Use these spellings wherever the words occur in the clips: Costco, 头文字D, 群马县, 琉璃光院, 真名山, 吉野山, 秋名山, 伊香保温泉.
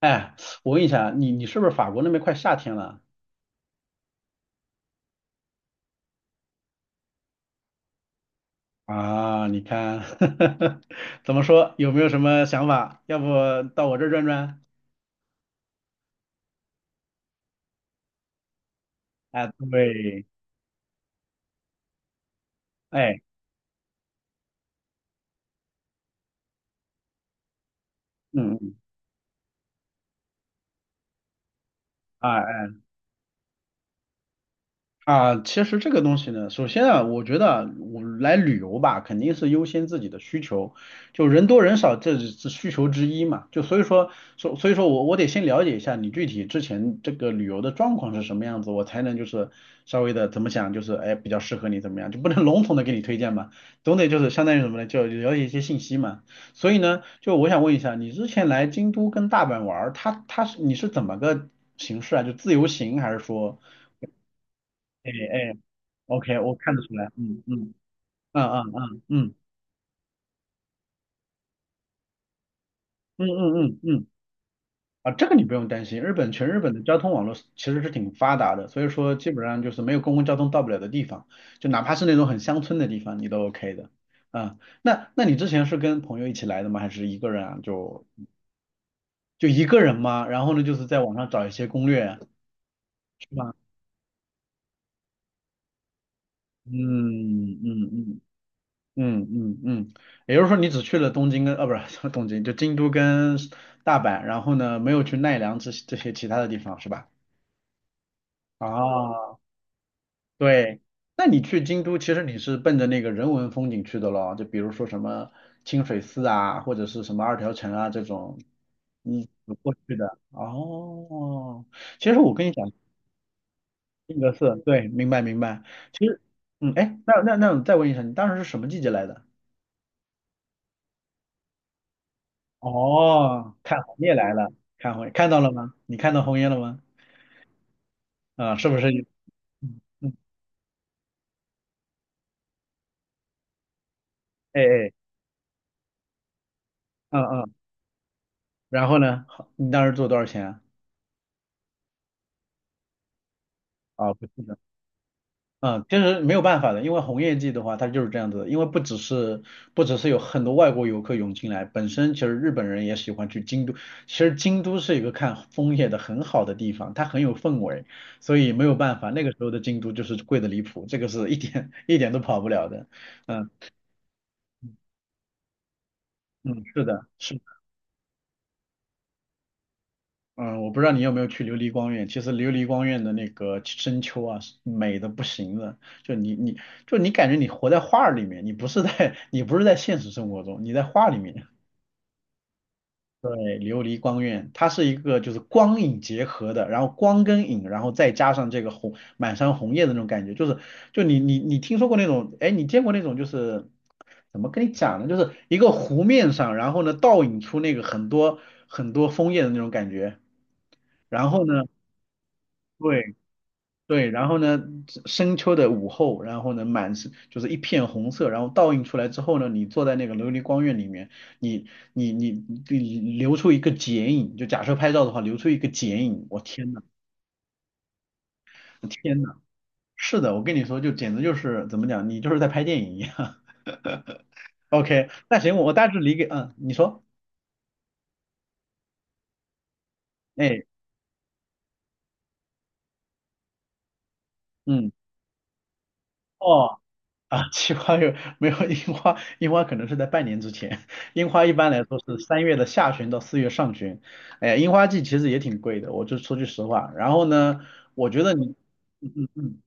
哎，我问一下，你是不是法国那边快夏天了啊？你看，怎么说？有没有什么想法？要不到我这儿转转？哎，对。哎。嗯嗯。啊。其实这个东西呢，首先啊，我觉得啊我来旅游吧，肯定是优先自己的需求，就人多人少，这是需求之一嘛。就所以说，所以说我得先了解一下你具体之前这个旅游的状况是什么样子，我才能就是稍微的怎么想，就是哎比较适合你怎么样，就不能笼统的给你推荐嘛，总得就是相当于什么呢，就了解一些信息嘛。所以呢，就我想问一下，你之前来京都跟大阪玩儿，它是你是怎么个形式啊？就自由行还是说？哎哎， OK，我看得出来。嗯嗯嗯嗯嗯嗯。嗯嗯嗯嗯。啊，这个你不用担心，全日本的交通网络是其实是挺发达的，所以说基本上就是没有公共交通到不了的地方，就哪怕是那种很乡村的地方，你都 OK 的。啊，那那你之前是跟朋友一起来的吗？还是一个人啊？就就一个人吗？然后呢，就是在网上找一些攻略啊，是吧？嗯嗯嗯嗯。嗯嗯，也就是说你只去了东京跟，啊，不是 东京，就京都跟大阪，然后呢，没有去奈良这些其他的地方是吧？啊，对。那你去京都，其实你是奔着那个人文风景去的咯，就比如说什么清水寺啊，或者是什么二条城啊这种，你走过去的。哦，其实我跟你讲，性格是，对，明白明白。其实，嗯，哎，那我再问一下，你当时是什么季节来的？哦，看红叶来了，看红叶，看到了吗？你看到红叶了吗？啊，是不是？嗯嗯。哎哎。嗯嗯。然后呢？好你当时做多少钱啊？啊，不记得。嗯，就是没有办法的，因为红叶季的话，它就是这样子的。因为不只是有很多外国游客涌进来，本身其实日本人也喜欢去京都。其实京都是一个看枫叶的很好的地方，它很有氛围，所以没有办法。那个时候的京都就是贵的离谱，这个是一点 一点都跑不了的。嗯嗯，是的，是。嗯，我不知道你有没有去琉璃光院。其实琉璃光院的那个深秋啊，是美的不行了。就就你感觉你活在画儿里面，你不是在 你不是在现实生活中，你在画里面。对，琉璃光院，它是一个就是光影结合的，然后光跟影，然后再加上这个红满山红叶的那种感觉，就是就你听说过那种，哎，你见过那种就是怎么跟你讲呢？就是一个湖面上，然后呢倒影出那个很多枫叶的那种感觉，然后呢。对，对，然后呢，深秋的午后，然后呢，满是就是一片红色，然后倒映出来之后呢，你坐在那个琉璃光院里面，你留出一个剪影，就假设拍照的话，留出一个剪影，我天呐。天呐，是的，我跟你说，就简直就是怎么讲，你就是在拍电影一样。OK，那行，我大致理解，嗯，你说，哎，嗯，哦。啊，奇花有没有樱花？樱花可能是在半年之前。樱花一般来说是三月的下旬到四月上旬。哎呀，樱花季其实也挺贵的，我就说句实话。然后呢，我觉得你，嗯嗯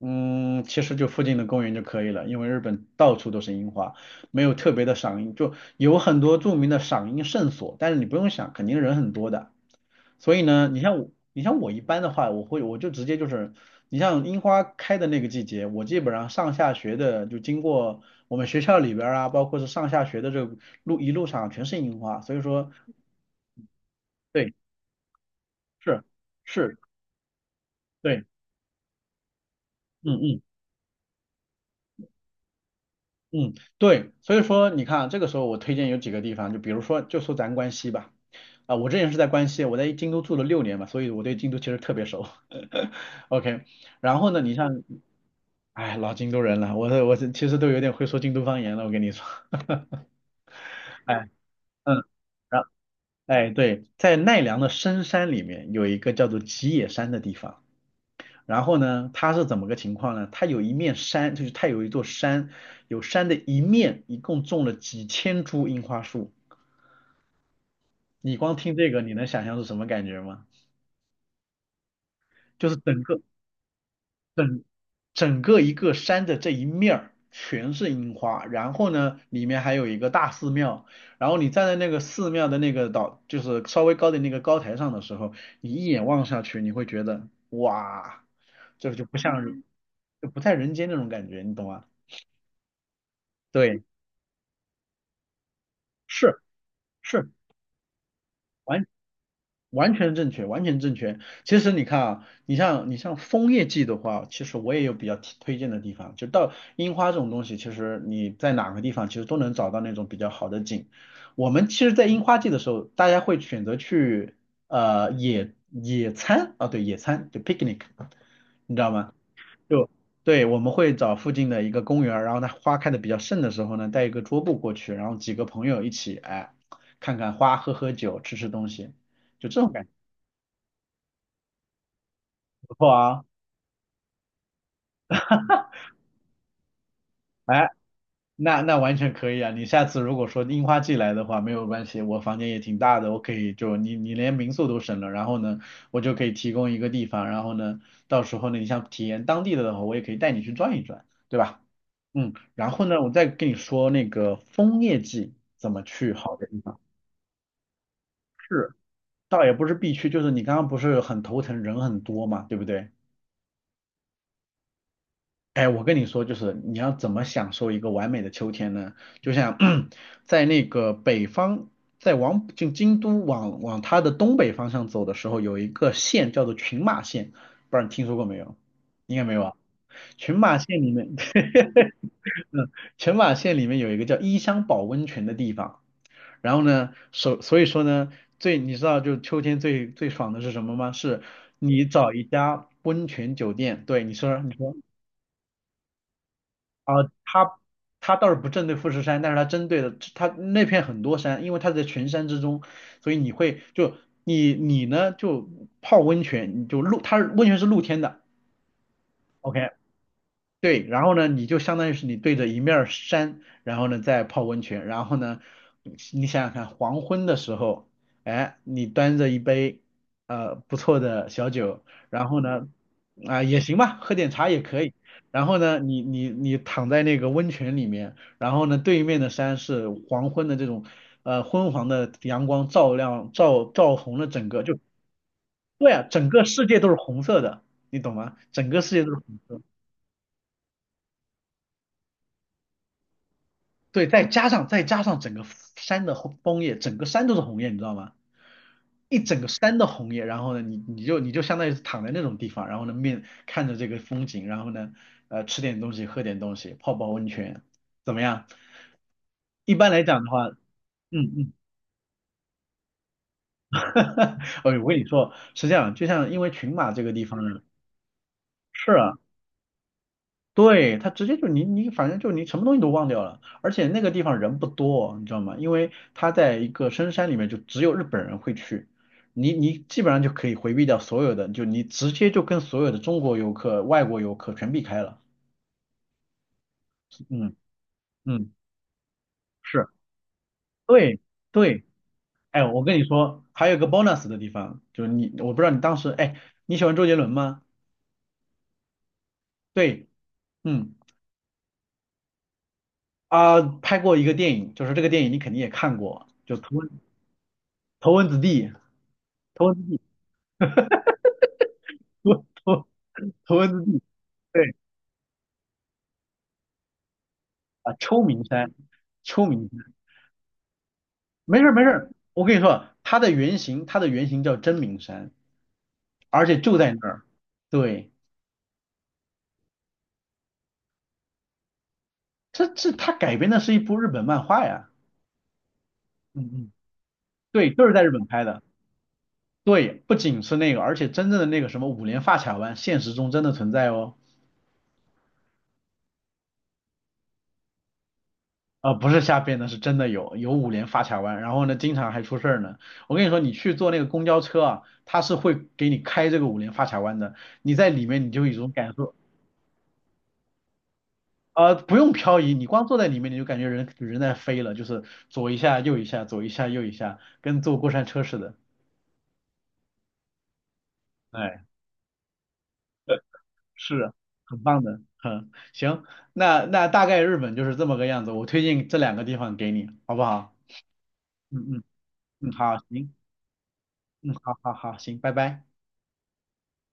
嗯，嗯，其实就附近的公园就可以了，因为日本到处都是樱花，没有特别的赏樱，就有很多著名的赏樱圣所，但是你不用想，肯定人很多的。所以呢，你像我，你像我一般的话，我就直接就是，你像樱花开的那个季节，我基本上上下学的就经过我们学校里边儿啊，包括是上下学的这个路一路上全是樱花，所以说对是是，对，嗯嗯。嗯，对，所以说你看啊，这个时候我推荐有几个地方，就比如说，就说咱关西吧，啊、我之前是在关西，我在京都住了六年嘛，所以我对京都其实特别熟。OK，然后呢，你像，哎，老京都人了，我其实都有点会说京都方言了，我跟你说，哎，嗯，然后哎，对，在奈良的深山里面有一个叫做吉野山的地方。然后呢，它是怎么个情况呢？它有一面山，就是它有一座山，有山的一面一共种了几千株樱花树。你光听这个，你能想象是什么感觉吗？就是整整个一个山的这一面儿全是樱花，然后呢，里面还有一个大寺庙，然后你站在那个寺庙的那个岛，就是稍微高的那个高台上的时候，你一眼望下去，你会觉得哇，这个就不像人，就不在人间那种感觉，你懂吗？对。是是，完完全正确，完全正确。其实你看啊，你像枫叶季的话，其实我也有比较提推荐的地方，就到樱花这种东西，其实你在哪个地方其实都能找到那种比较好的景。我们其实，在樱花季的时候，大家会选择去野野餐啊，对，野餐就 picnic，你知道吗？就对，我们会找附近的一个公园儿然后呢花开的比较盛的时候呢，带一个桌布过去，然后几个朋友一起，哎，看看花，喝喝酒，吃吃东西，就这种感觉不错啊。哎，那那完全可以啊。你下次如果说樱花季来的话，没有关系，我房间也挺大的，我可以就你你连民宿都省了，然后呢，我就可以提供一个地方，然后呢，到时候呢，你想体验当地的话，我也可以带你去转一转，对吧？嗯，然后呢，我再跟你说那个枫叶季怎么去好的地方。是，倒也不是必去，就是你刚刚不是很头疼，人很多嘛，对不对？哎，我跟你说，就是你要怎么享受一个完美的秋天呢？就像 在那个北方，在往就京都往它的东北方向走的时候，有一个县叫做群马县，不知道你听说过没有？应该没有啊。群马县里面，嗯，群马县里面有一个叫伊香保温泉的地方。然后呢，所以说呢，最你知道就秋天最最爽的是什么吗？是你找一家温泉酒店，对你说，你说它它倒是不针对富士山，但是它针对的它那片很多山，因为它在群山之中，所以你会就你呢就泡温泉，你就露它是温泉是露天的，OK，对，然后呢，你就相当于是你对着一面儿山，然后呢再泡温泉，然后呢，你想想看，黄昏的时候，哎，你端着一杯不错的小酒，然后呢，啊、也行吧，喝点茶也可以，然后呢，你躺在那个温泉里面，然后呢，对面的山是黄昏的这种昏黄的阳光照亮照红了整个，就对啊，整个世界都是红色的，你懂吗？整个世界都是红色的对，再加上整个山的红枫叶，整个山都是红叶，你知道吗？一整个山的红叶，然后呢，你就相当于是躺在那种地方，然后呢面看着这个风景，然后呢，呃，吃点东西，喝点东西，泡泡温泉，怎么样？一般来讲的话，嗯嗯，哎，我跟你说是这样，就像因为群马这个地方呢，是啊。对，他直接就你你反正就你什么东西都忘掉了，而且那个地方人不多，你知道吗？因为他在一个深山里面，就只有日本人会去，你你基本上就可以回避掉所有的，就你直接就跟所有的中国游客、外国游客全避开了。嗯嗯，是，对对，哎，我跟你说，还有个 bonus 的地方，就是你我不知道你当时哎你喜欢周杰伦吗？对，嗯啊、拍过一个电影，就是这个电影你肯定也看过，就头文字 D》。头文字 D 头头头文字地，对啊，秋名山，秋名山，没事儿没事儿，我跟你说，它的原型，它的原型叫真名山，而且就在那儿。对，这它改编的是一部日本漫画呀。嗯嗯，对，就是在日本拍的。对，不仅是那个，而且真正的那个什么五连发卡湾，现实中真的存在哦。啊，不是瞎编的，是真的有五连发卡弯，然后呢，经常还出事儿呢。我跟你说，你去坐那个公交车啊，它是会给你开这个五连发卡弯的，你在里面你就有一种感受，啊，不用漂移，你光坐在里面你就感觉人人在飞了，就是左一下右一下，左一下右一下，跟坐过山车似的。哎，对是啊很棒的，嗯，行，那那大概日本就是这么个样子，我推荐这两个地方给你，好不好？嗯嗯嗯，好，行，嗯，好好好，行，拜拜。